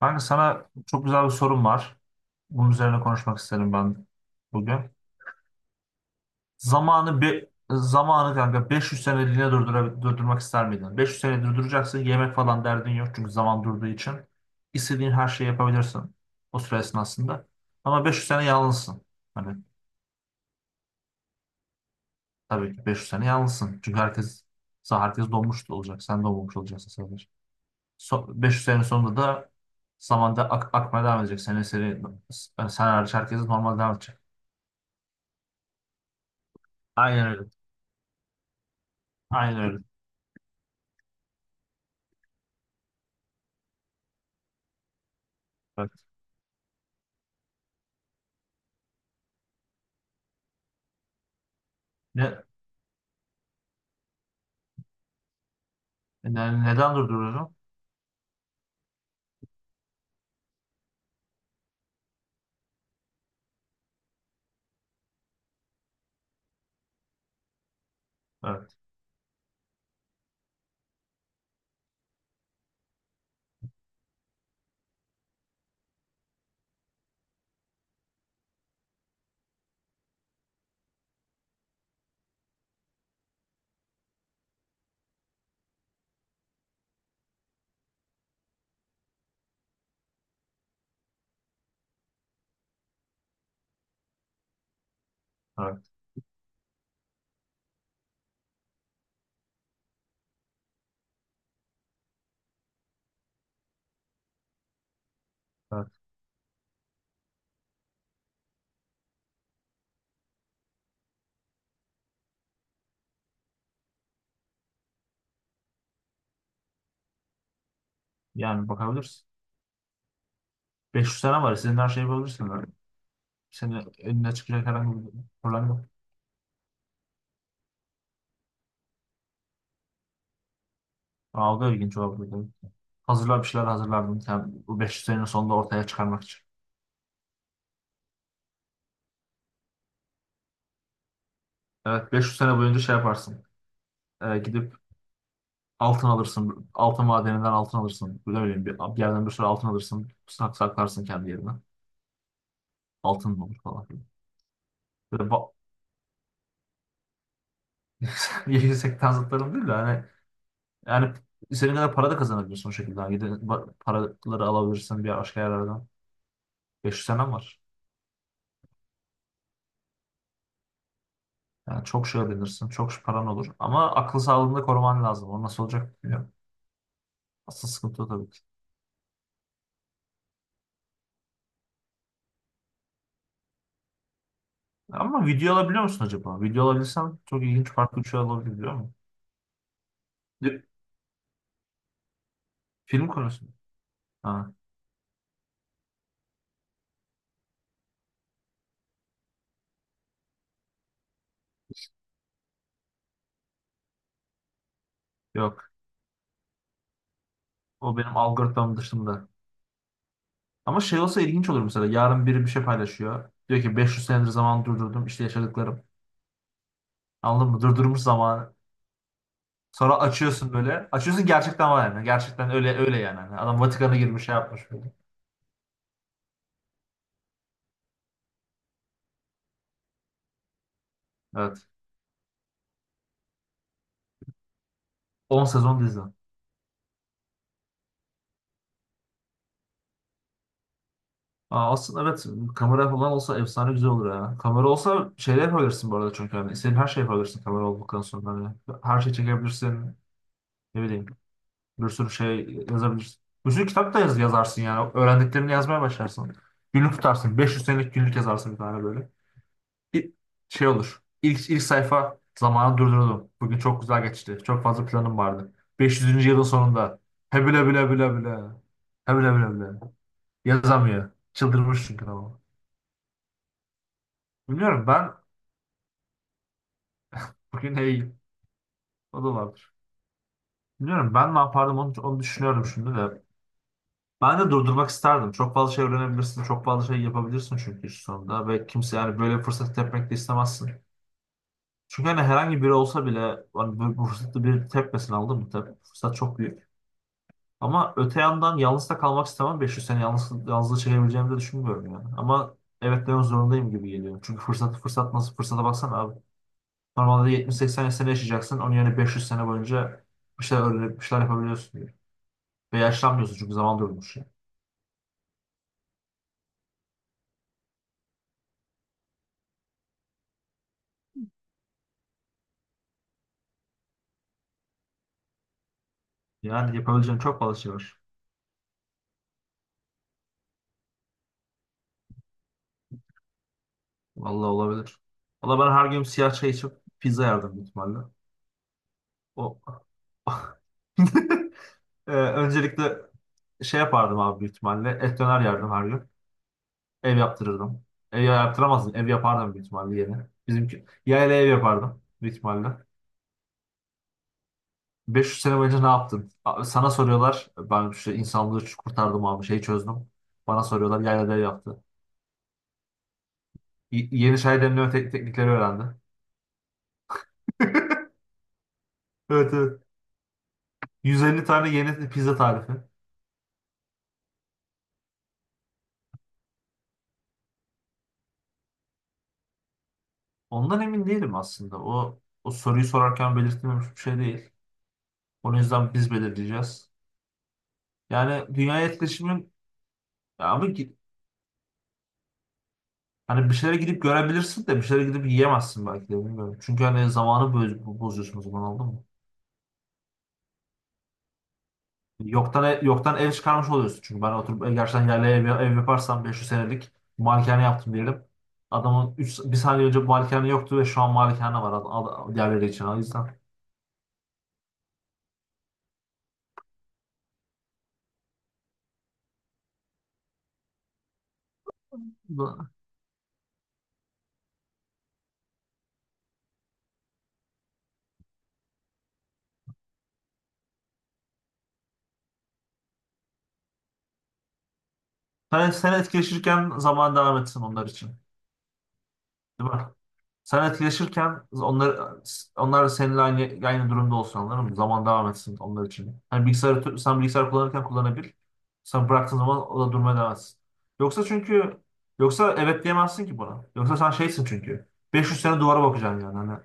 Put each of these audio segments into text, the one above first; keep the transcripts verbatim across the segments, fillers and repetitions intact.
Kanka sana çok güzel bir sorum var. Bunun üzerine konuşmak isterim ben bugün. Zamanı bir zamanı kanka beş yüz seneliğine durdura, durdurmak ister miydin? beş yüz sene durduracaksın. Yemek falan derdin yok çünkü zaman durduğu için. İstediğin her şeyi yapabilirsin o süre esnasında. Ama beş yüz sene yalnızsın. Hani tabii ki beş yüz sene yalnızsın. Çünkü herkes herkes donmuş olacak. Sen donmamış olacaksın sadece. So, beş yüz sene sonunda da zamanda ak akmaya devam edecek. Seni, seni, sen hariç herkes normal devam edecek. Aynen öyle. Aynen öyle. Evet. Ne, ne- neden durduruyorum? Evet, evet, evet. Yani bakabilirsin. beş yüz tane var. Senin her şeyi bulabilirsin, böyle. Senin önüne çıkacak herhangi bir problem yok. Algı ilginç olabilir. Hazırlar bir şeyler hazırlardım. Sen bu beş yüz senenin sonunda ortaya çıkarmak için. Evet, beş yüz sene boyunca şey yaparsın. Ee, gidip altın alırsın. Altın madeninden altın alırsın. Ne bileyim bir, bir yerden bir sürü altın alırsın. Sak saklarsın kendi yerine. Altın mı olur falan filan. Böyle ba- yüksek tanzıtlarım değil de hani yani senin kadar para da kazanabilirsin o şekilde. Yani gidip ba- paraları alabilirsin bir başka yerlerden. beş yüz senem var. Yani çok şey öğrenirsin. Çok şey paran olur. Ama akıl sağlığını da koruman lazım. O nasıl olacak bilmiyorum. Asıl sıkıntı o tabii ki. Ama video alabiliyor musun acaba? Video alabilirsen çok ilginç farklı bir şey olabilir biliyor musun? Di- Film konusu mu? Ha, yok. O benim algoritmam dışında. Ama şey olsa ilginç olur mesela. Yarın biri bir şey paylaşıyor. Diyor ki beş yüz senedir zaman durdurdum. İşte yaşadıklarım. Anladın mı? Durdurmuş zamanı. Sonra açıyorsun böyle. Açıyorsun, gerçekten var yani. Gerçekten öyle öyle yani. Hani adam Vatikan'a girmiş, şey yapmış böyle. Evet. On sezon dizi. Aa, aslında evet kamera falan olsa efsane güzel olur ya. Kamera olsa şeyler yapabilirsin bu arada çünkü hani senin her şey yapabilirsin kamera olduktan sonra. Hani her şey çekebilirsin. Ne bileyim bir sürü şey yazabilirsin. Bir sürü kitap da yaz, yazarsın yani. Öğrendiklerini yazmaya başlarsın. Günlük tutarsın. beş yüz senelik günlük yazarsın bir tane böyle. İ- şey olur. İlk, ilk sayfa zamanı durdurdum. Bugün çok güzel geçti. Çok fazla planım vardı. beş yüzüncü. yılın sonunda. Hebile bile bile bile. Hebüle bile bile. Yazamıyor. Çıldırmış çünkü, tamam. Bilmiyorum ben bugün hey o da vardır. Bilmiyorum ben ne yapardım onu, onu düşünüyorum şimdi de. Ben de durdurmak isterdim. Çok fazla şey öğrenebilirsin. Çok fazla şey yapabilirsin çünkü şu sonunda. Ve kimse yani böyle bir fırsat tepmek de istemezsin. Çünkü hani herhangi biri olsa bile hani bu, bu fırsatı bir tepmesin aldın mı? Tep, fırsat çok büyük. Ama öte yandan yalnız da kalmak istemem. beş yüz sene yalnız, yalnızlığı çekebileceğimi de düşünmüyorum yani. Ama evet demek zorundayım gibi geliyor. Çünkü fırsat fırsat nasıl fırsata baksana abi. Normalde yetmiş seksen sene yaşayacaksın. Onun yerine beş yüz sene boyunca bir şeyler öğrenip bir şeyler yapabiliyorsun diyor. Ve yaşlanmıyorsun çünkü zaman durmuş yani. Yani yapabileceğin çok fazla şey var. Vallahi olabilir. Valla ben her gün siyah çay içip pizza yerdim büyük ihtimalle. O... Ee, öncelikle şey yapardım abi büyük ihtimalle. Et döner yerdim her gün. Ev yaptırırdım. Ev yaptıramazdım. Ev yapardım büyük ihtimalle yine. Bizimki yayla ev yapardım büyük ihtimalle. beş yüz sene boyunca ne yaptın? A- Sana soruyorlar. Ben işte insanlığı kurtardım abi. Şeyi çözdüm. Bana soruyorlar. Yaylada ev yaptı. Y- yeni çay demleme tek- teknikleri öğrendi. Evet evet. yüz elli tane yeni pizza tarifi. Ondan emin değilim aslında. O, o soruyu sorarken belirtilmemiş bir şey değil. Onun yüzden biz belirleyeceğiz. Yani dünya etkileşimin ya abi, hani bir şeylere gidip görebilirsin de bir şeylere gidip yiyemezsin belki de bilmiyorum. Çünkü hani zamanı boz- bozuyorsun o zaman oldu mu? Yoktan, e, yoktan ev çıkarmış oluyorsun. Çünkü ben oturup e, gerçekten yerli ev, ev yaparsam beş yüz senelik malikane yaptım diyelim. Adamın 3, bir saniye önce malikane yoktu ve şu an malikane var ad, ad, diğerleri için. O yüzden bu- sen, sen etkileşirken zaman devam etsin onlar için. Değil mi? Sen etkileşirken onlar onlar da seninle aynı aynı durumda olsun anladın mı? Zaman devam etsin onlar için. Hani bilgisayarı sen bilgisayar kullanırken kullanabil. Sen bıraktığın zaman o da durmaya devam etsin. Yoksa çünkü Yoksa evet diyemezsin ki buna. Yoksa sen şeysin çünkü. beş yüz sene duvara bakacaksın yani. Hani,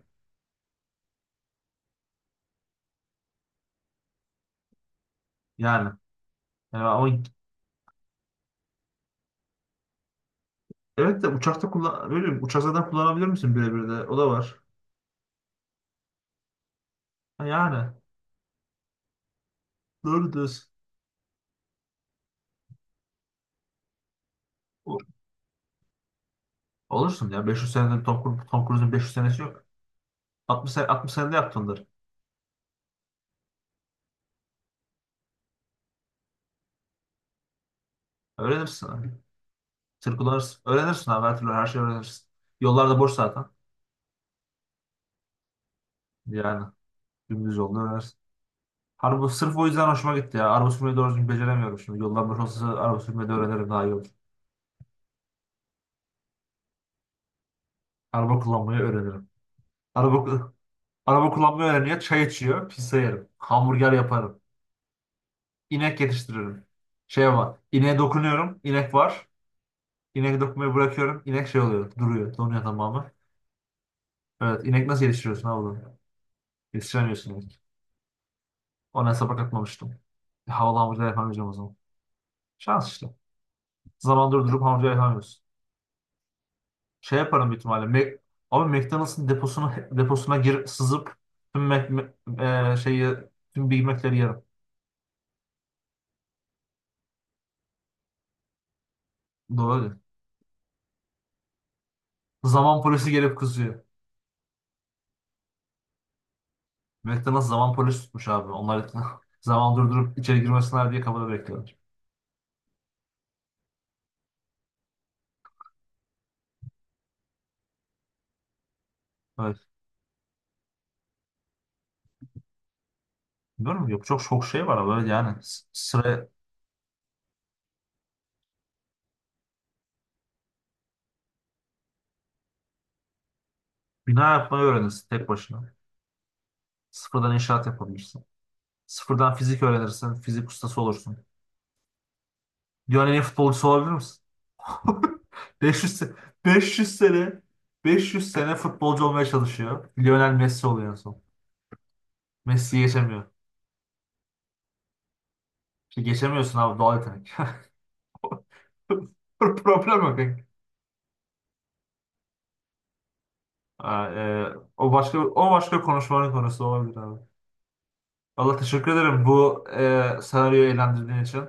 yani. Yani ama evet de uçakta kullan öyle mi? Uçak zaten kullanabilir misin birebir de? O da var. Ha, yani. Doğru diyorsun. O- Olursun ya. beş yüz senede Tom, Cru- Tom Cruise'un beş yüz senesi yok. 60 sene, altmış senede yaptındır onları. Öğrenirsin. Tırkularsın. Öğrenirsin abi her türlü her şeyi öğrenirsin. Yollarda boş zaten. Yani dümdüz yolda öğrenirsin. Araba sırf o yüzden hoşuma gitti ya. Araba sürmeyi doğru düzgün beceremiyorum şimdi. Yollar boş olsa araba sürmeyi de öğrenirim daha iyi olur. Araba kullanmayı öğrenirim. Araba, araba kullanmayı öğreniyor. Çay içiyor. Pizza yerim. Hamburger yaparım. İnek yetiştiririm. Şey var. İneğe dokunuyorum. İnek var. İnek dokunmayı bırakıyorum. İnek şey oluyor. Duruyor. Donuyor tamamı. Evet. inek nasıl yetiştiriyorsun abi, bunu? Yetiştiremiyorsun inek. Ona hesaba katmamıştım. Havalı hamburger yapamayacağım o zaman. Şans işte. Zaman durdurup hamca yapamıyorsun. Şey yaparım büyük ihtimalle. Mac- Abi McDonald's'ın deposuna deposuna gir, sızıp tüm Mac, Mac- e, şeyi tüm Big Mac'leri yerim. Doğru. Zaman polisi gelip kızıyor. McDonald's zaman polisi tutmuş abi. Onlar zaman durdurup içeri girmesinler diye kapıda bekliyorlar. Evet. Bilmiyorum, yok çok çok şey var abi. Evet, yani s- sıra bina yapmayı öğrenirsin tek başına. Sıfırdan inşaat yapabilirsin. Sıfırdan fizik öğrenirsin. Fizik ustası olursun. Dünyanın en iyi futbolcusu olabilir misin? 500 se- 500 sene beş yüz sene futbolcu olmaya çalışıyor. Lionel Messi oluyor en son. Messi'yi geçemiyor. İşte geçemiyorsun abi, doğal yetenek. Problem yok, kanka. Ha, e, o başka o başka konuşmanın konusu olabilir abi. Allah teşekkür ederim bu e, senaryoyu eğlendirdiğin için.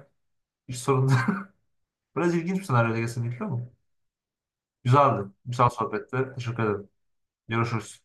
Hiç sorun değil. Biraz ilginç bir senaryoydu kesinlikle ama. Güzeldi. Güzel sohbetti. Teşekkür ederim. Görüşürüz.